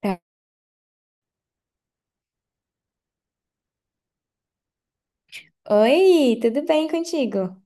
Tá. Oi, tudo bem contigo?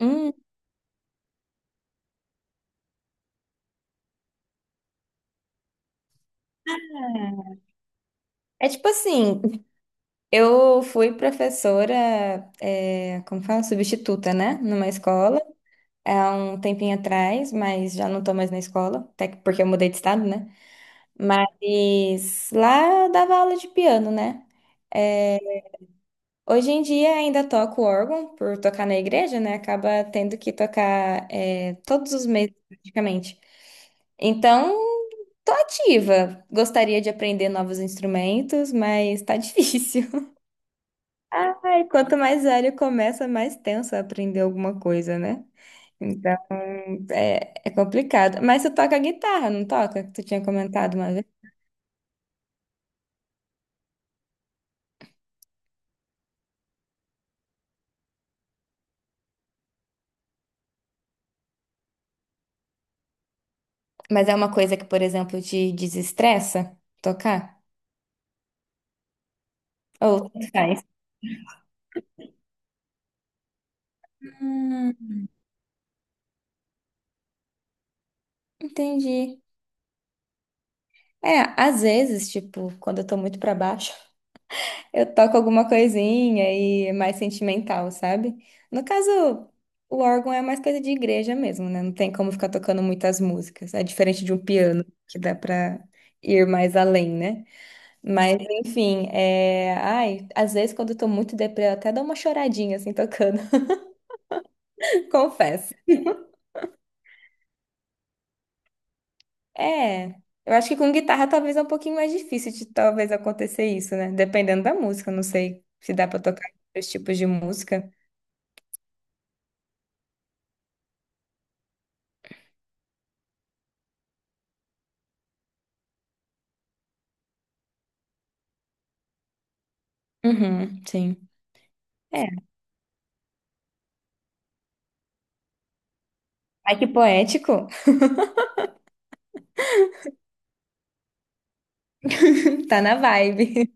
Hum, é tipo assim, eu fui professora, como fala, substituta, né? Numa escola, há um tempinho atrás, mas já não tô mais na escola, porque eu mudei de estado, né? Mas lá eu dava aula de piano, né? É, hoje em dia ainda toco órgão por tocar na igreja, né? Acaba tendo que tocar todos os meses praticamente. Então, tô ativa. Gostaria de aprender novos instrumentos, mas tá difícil. Ai, quanto mais velho começa, mais tenso é aprender alguma coisa, né? Então, é complicado. Mas tu toca guitarra, não toca? Que tu tinha comentado uma vez. Mas é uma coisa que, por exemplo, te desestressa tocar? Ou tanto faz? Entendi. É, às vezes, tipo, quando eu tô muito pra baixo, eu toco alguma coisinha e é mais sentimental, sabe? No caso, o órgão é mais coisa de igreja mesmo, né? Não tem como ficar tocando muitas músicas. É diferente de um piano, que dá pra ir mais além, né? Mas, enfim, é... Ai, às vezes, quando eu tô muito deprê, eu até dou uma choradinha, assim, tocando, confesso. É, eu acho que com guitarra talvez é um pouquinho mais difícil de talvez acontecer isso, né? Dependendo da música, não sei se dá pra tocar outros tipos de música. Uhum, sim. É. Ai, que poético. Tá na vibe.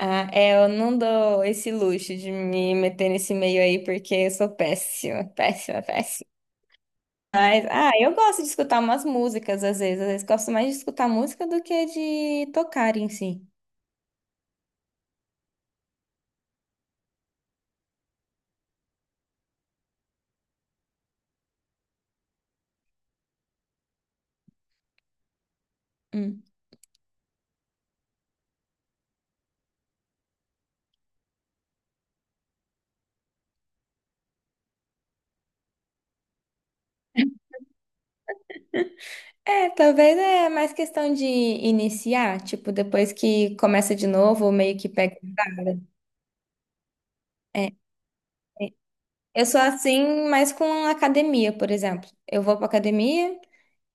Ah, é, eu não dou esse luxo de me meter nesse meio aí porque eu sou péssima, péssima, péssima. Mas, ah, eu gosto de escutar umas músicas às vezes. Às vezes gosto mais de escutar música do que de tocar em si. Hum. É, talvez é mais questão de iniciar, tipo, depois que começa de novo, meio que pega. Estrada. É. Eu sou assim, mas com academia, por exemplo. Eu vou pra academia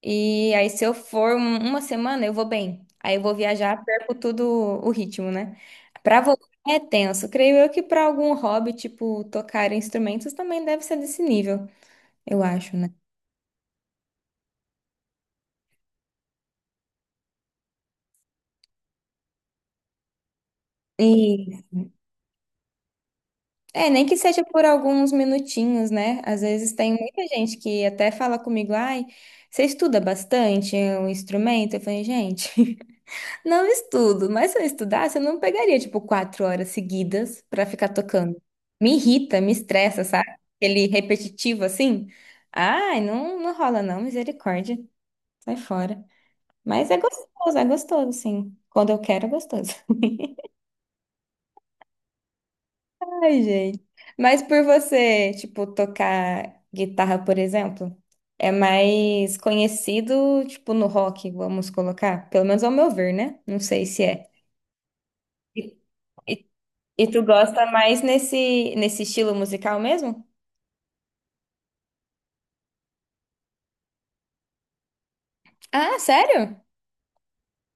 e aí se eu for uma semana, eu vou bem. Aí eu vou viajar, perco tudo o ritmo, né? Pra voltar é tenso. Creio eu que pra algum hobby, tipo, tocar instrumentos também deve ser desse nível, eu acho, né? É, nem que seja por alguns minutinhos, né? Às vezes tem muita gente que até fala comigo, ai, você estuda bastante um instrumento? Eu falei, gente, não estudo, mas se eu estudasse, eu não pegaria, tipo, 4 horas seguidas pra ficar tocando. Me irrita, me estressa, sabe? Aquele repetitivo assim. Ai, não, não rola não, misericórdia, sai fora. Mas é gostoso, sim. Quando eu quero, é gostoso. Ai, gente. Mas por você, tipo, tocar guitarra, por exemplo, é mais conhecido, tipo, no rock, vamos colocar. Pelo menos ao meu ver, né? Não sei se é. E, e- e tu gosta mais nesse estilo musical mesmo? Ah, sério?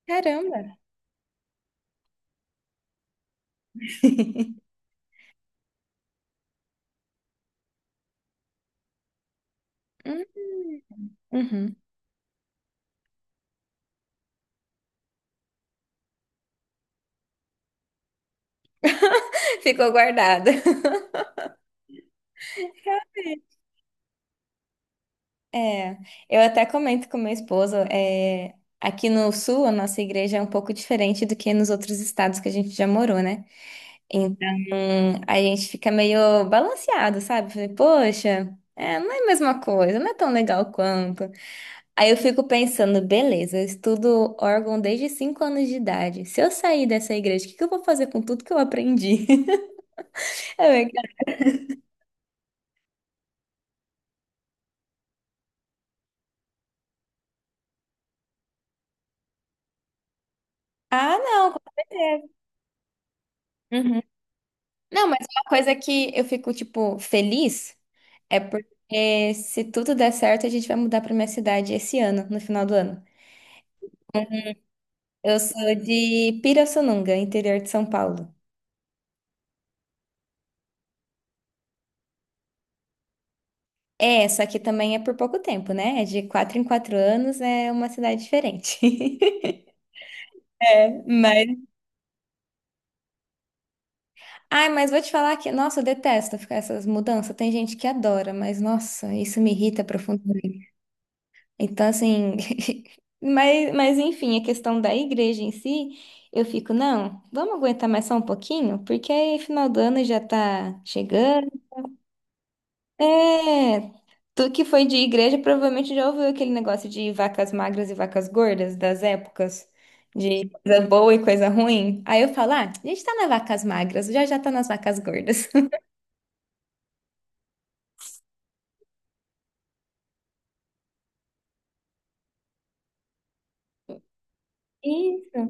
Caramba. Hum, uhum. Ficou guardado. É, eu até comento com meu esposo, é, aqui no sul a nossa igreja é um pouco diferente do que nos outros estados que a gente já morou, né? Então, a gente fica meio balanceado, sabe? Falei, poxa, é, não é a mesma coisa, não é tão legal quanto. Aí eu fico pensando, beleza, eu estudo órgão desde 5 anos de idade. Se eu sair dessa igreja, o que que eu vou fazer com tudo que eu aprendi? Eu fico, ah, não, com certeza. Uhum. Não, mas uma coisa que eu fico, tipo, feliz é porque se tudo der certo, a gente vai mudar para minha cidade esse ano, no final do ano. Eu sou de Pirassununga, interior de São Paulo. É, só que também é por pouco tempo, né? É de 4 em 4 anos, é uma cidade diferente. É, mas. Ai, mas vou te falar que, nossa, eu detesto ficar essas mudanças. Tem gente que adora, mas nossa, isso me irrita profundamente. Então, assim, mas enfim, a questão da igreja em si, eu fico, não, vamos aguentar mais só um pouquinho, porque aí final do ano já tá chegando. É, tu que foi de igreja provavelmente já ouviu aquele negócio de vacas magras e vacas gordas das épocas, de coisa boa e coisa ruim. Aí eu falo, ah, a gente tá nas vacas magras, já já tá nas vacas gordas. Isso.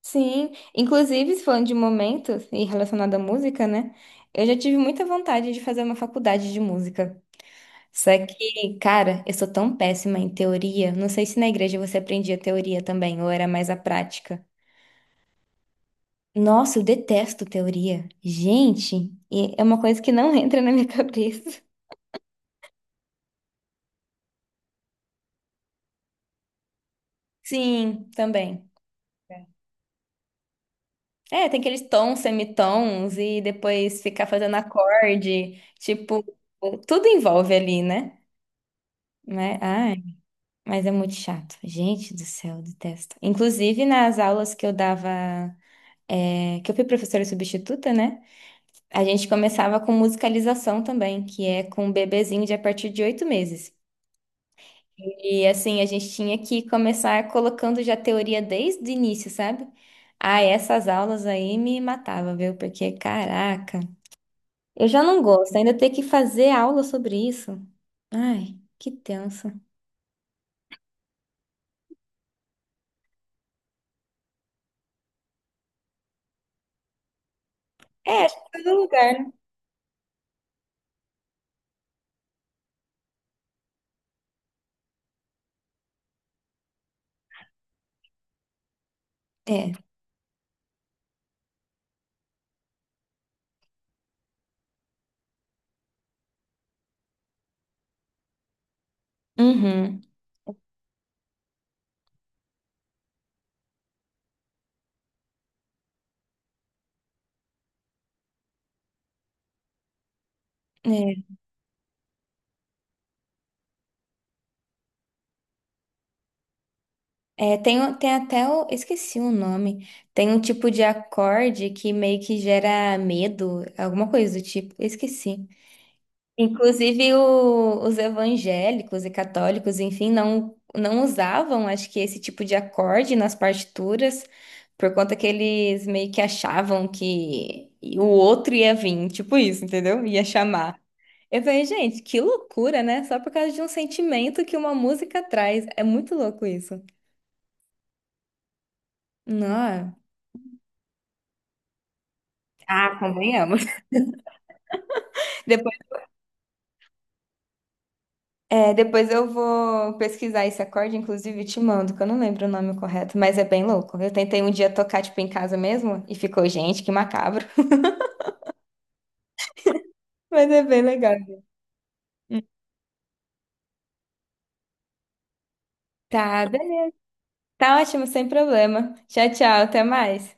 Sim, inclusive falando de momentos e relacionado à música, né? Eu já tive muita vontade de fazer uma faculdade de música. Só que, cara, eu sou tão péssima em teoria. Não sei se na igreja você aprendia teoria também, ou era mais a prática. Nossa, eu detesto teoria. Gente, e é uma coisa que não entra na minha cabeça. Sim, também. É, tem aqueles tons, semitons e depois ficar fazendo acorde. Tipo, tudo envolve ali, né? Mas, ai, mas é muito chato. Gente do céu, eu detesto. Inclusive, nas aulas que eu dava, é, que eu fui professora substituta, né? A gente começava com musicalização também, que é com um bebezinho de a partir de 8 meses. E assim, a gente tinha que começar colocando já teoria desde o início, sabe? Ah, essas aulas aí me matava, viu? Porque, caraca, eu já não gosto, ainda ter que fazer aula sobre isso. Ai, que tenso. É, acho que todo lugar, né? É. Uhum. É. É, tem, tem até o, esqueci o nome. Tem um tipo de acorde que meio que gera medo, alguma coisa do tipo. Esqueci. Inclusive, os evangélicos e católicos, enfim, não usavam, acho que, esse tipo de acorde nas partituras, por conta que eles meio que achavam que o outro ia vir, tipo isso, entendeu? Ia chamar. Eu falei, gente, que loucura, né? Só por causa de um sentimento que uma música traz. É muito louco isso. Não. Ah, convenhamos. É, depois eu vou pesquisar esse acorde, inclusive te mando, que eu não lembro o nome correto, mas é bem louco. Eu tentei um dia tocar, tipo, em casa mesmo e ficou, gente, que macabro. Mas é bem legal. Tá, beleza. Tá ótimo, sem problema. Tchau, tchau, até mais.